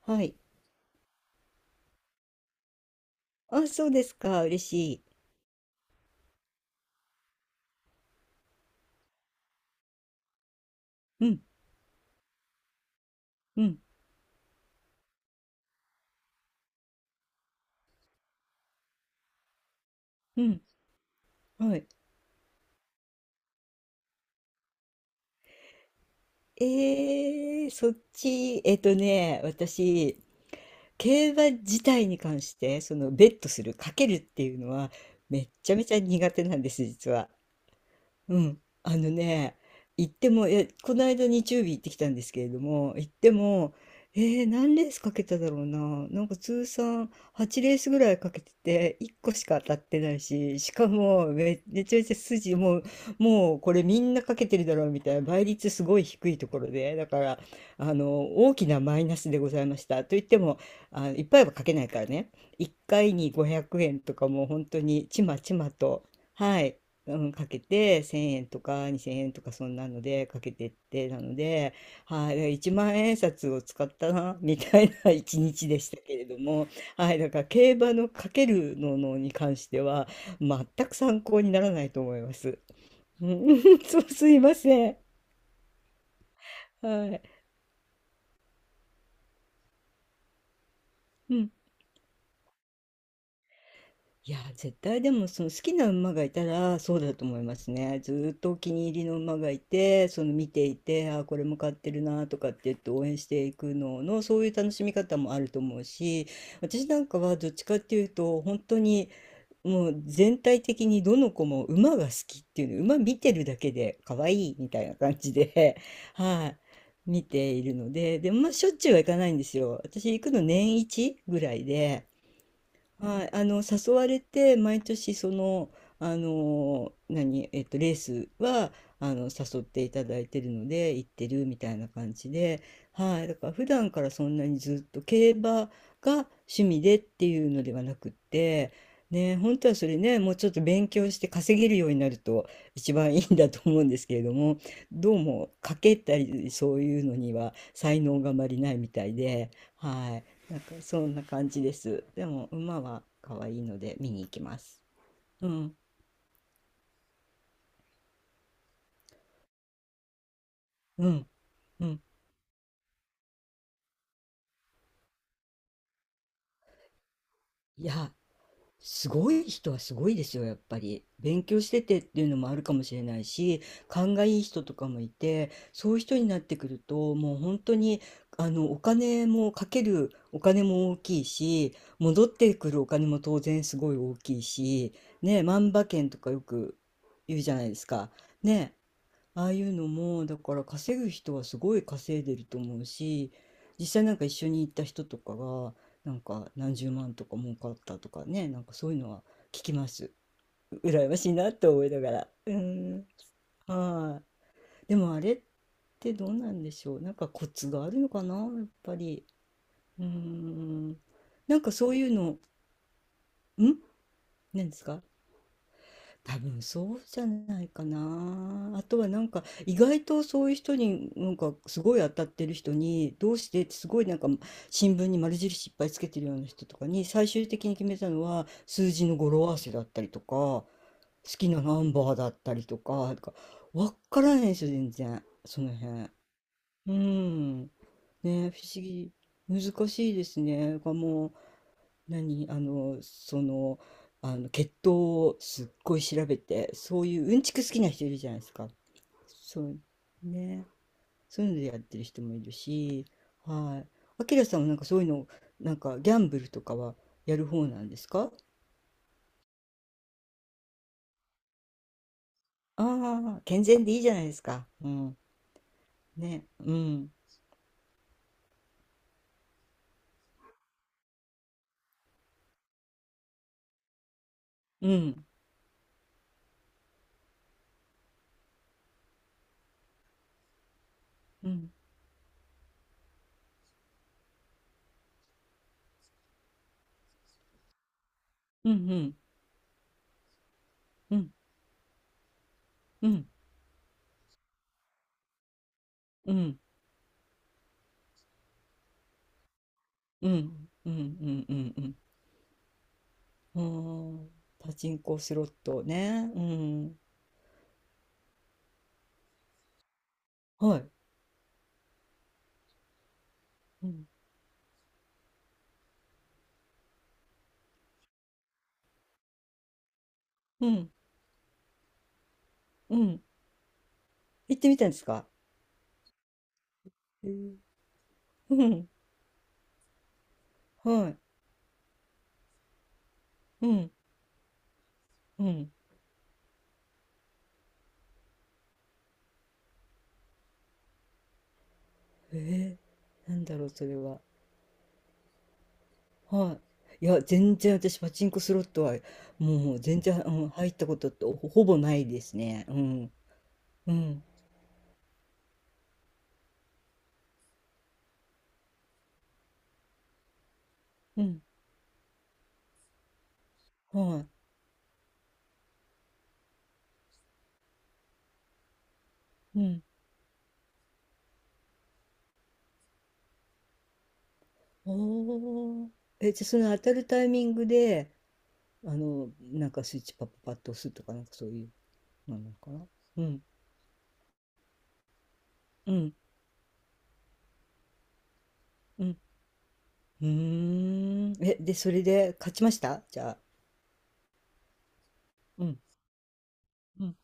はい。あ、そうですか。嬉しい。うん、うん、うん。はい。そっち、ね、私、競馬自体に関して、ベットする、かけるっていうのは、めっちゃめちゃ苦手なんです、実は。うん、ね、行っても、この間日曜日行ってきたんですけれども、行っても、何レースかけただろうな、なんか通算8レースぐらいかけてて、1個しか当たってないし、しかもめちゃめちゃもうこれみんなかけてるだろうみたいな、倍率すごい低いところで、だから、大きなマイナスでございました。と言っても、あ、いっぱいはかけないからね、1回に500円とかもう本当にちまちまと、はい。うん、かけて1000円とか2000円とかそんなのでかけてってなので、はい、だから1万円札を使ったなみたいな 一日でしたけれども、はい、だから競馬のかけるののに関しては全く参考にならないと思います。うん、そうすいません。はい。うん。いや、絶対でもその好きな馬がいたらそうだと思いますね。ずーっとお気に入りの馬がいて、その見ていて、あー、これも買ってるなとかって言って応援していくのの、そういう楽しみ方もあると思うし、私なんかはどっちかっていうと、本当にもう全体的にどの子も馬が好きっていうの、馬見てるだけで可愛いみたいな感じで、はい、見ているので、でもまあしょっちゅうはいかないんですよ。私行くの年一ぐらいで。はい、誘われて毎年何、えっと、レースは誘っていただいてるので行ってるみたいな感じで、はい、だから普段からそんなにずっと競馬が趣味でっていうのではなくって、ね、本当はそれねもうちょっと勉強して稼げるようになると一番いいんだと思うんですけれども、どうも賭けたりそういうのには才能があまりないみたいで。はい、なんかそんな感じです。でも馬は可愛いので見に行きます。うん、うん、うん。いや、すごい人はすごいですよ、やっぱり。勉強しててっていうのもあるかもしれないし、勘がいい人とかもいて、そういう人になってくると、もう本当に、お金もかけるお金も大きいし、戻ってくるお金も当然すごい大きいし、ね、万馬券とかよく言うじゃないですか。ね、ああいうのも、だから稼ぐ人はすごい稼いでると思うし、実際なんか一緒に行った人とかが、なんか何十万とか儲かったとかね、なんかそういうのは聞きます。羨ましいなと思いながら。うん。はい。でもあれってどうなんでしょう。なんかコツがあるのかな、やっぱり。うん。なんかそういうの、ん何ですか。多分そうじゃないかな。あとはなんか意外とそういう人に、なんかすごい当たってる人にどうしてって、すごいなんか新聞に丸印いっぱいつけてるような人とかに、最終的に決めたのは数字の語呂合わせだったりとか好きなナンバーだったりとか、なんかわからないんですよ全然その辺。うん。ね、不思議。難しいですね。がもう何あのその、あの血糖をすっごい調べて、そういううんちく好きな人いるじゃないですか。そうね、そういうのでやってる人もいるし、はい、あきらさんはなんかそういうの、なんかギャンブルとかはやる方なんですか。ああー、健全でいいじゃないですか。うん、ね、うん、うん、うん、うん、うん、うん、うん、うん、うん、うん、うん、うん、うん、うん、うん。パチンコスロットね、うん、はい、うん、うん。行ってみたんですか。へえ、うん、はい、うん、うん。えなんだろう、それは。はい。いや、全然私、パチンコスロットは、もう、全然、うん、入ったことってほぼないですね。うん、うん、うん、はい、うん。おー。じゃあ、その当たるタイミングで、なんかスイッチパッパッパッと押すとか、なんかそういうのなのかな。うん、うん、うん。うーん。で、それで勝ちましたじゃあ。うん、うん。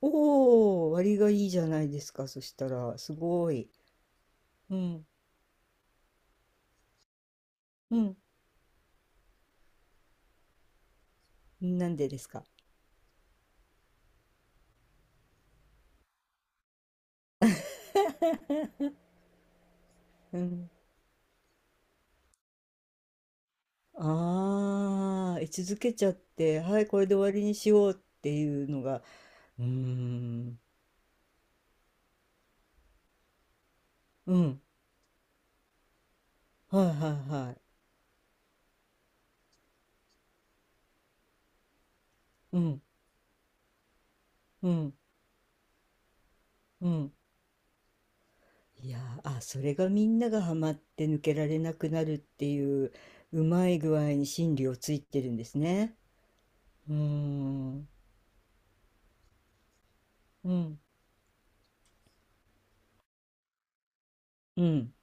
おお、割がいいじゃないですか。そしたら、すごい。うん。うん。なんでですか。うん。ああ、居続けちゃって、はい、これで終わりにしようっていうのが、うーん。うん。はいはいはい。うん。うん。うん。いやー、あ、それがみんながハマって抜けられなくなるっていう、うまい具合に心理をついてるんですね。うーん。うん。うん。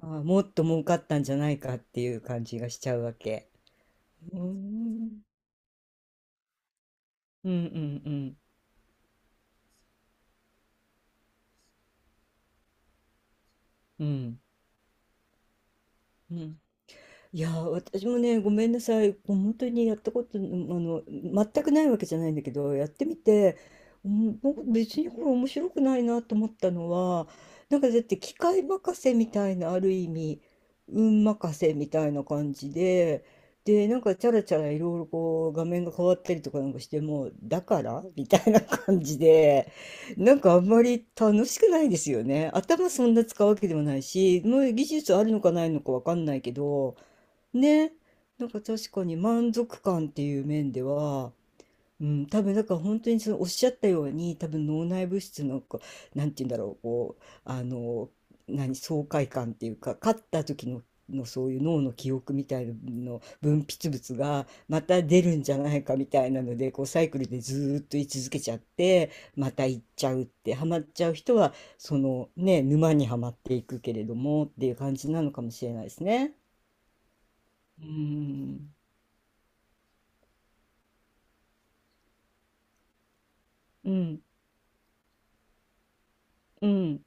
ああ、もっと儲かったんじゃないかっていう感じがしちゃうわけ。うーん、うん、うん、うん、うん。うん、いやー、私もね、ごめんなさい。こう本当にやったこと、あの、全くないわけじゃないんだけど、やってみて、うん、僕別にこれ面白くないなと思ったのは、なんかだって機械任せみたいな、ある意味、運任せみたいな感じで、なんかチャラチャラいろいろこう画面が変わったりとかなんかしても、だからみたいな感じで、なんかあんまり楽しくないですよね。頭そんな使うわけでもないし、もう技術あるのかないのかわかんないけど、ね、なんか確かに満足感っていう面では、うん、多分なんか本当にそのおっしゃったように、多分脳内物質のこう、なんて言うんだろう、こう、あの何爽快感っていうか勝った時の、そういう脳の記憶みたいなの分泌物がまた出るんじゃないかみたいなので、こうサイクルでずーっと居続けちゃって、また行っちゃうって、ハマっちゃう人はそのね、沼にはまっていくけれどもっていう感じなのかもしれないですね。うん、うん、うん、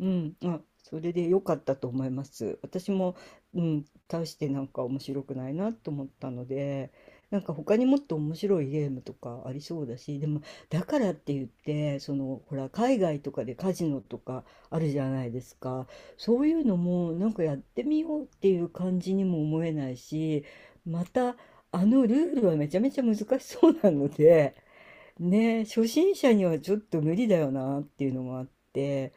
うん、あ、それで良かったと思います。私も、うん、大してなんか面白くないなと思ったので、なんか他にもっと面白いゲームとかありそうだし、でもだからって言って、その、ほら、海外とかでカジノとかあるじゃないですか。そういうのもなんかやってみようっていう感じにも思えないし、またあのルールはめちゃめちゃ難しそうなので、ね、初心者にはちょっと無理だよなっていうのもあって、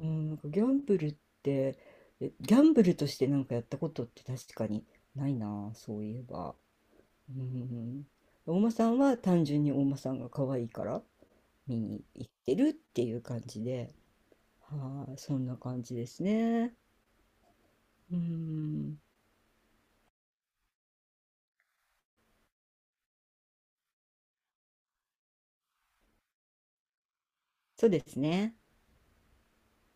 うん、なんかギャンブルって、ギャンブルとしてなんかやったことって、確かにないな、そういえば。うん、お馬さんは単純にお馬さんが可愛いから見に行ってるっていう感じで、はい、そんな感じですね。うん、そうですね。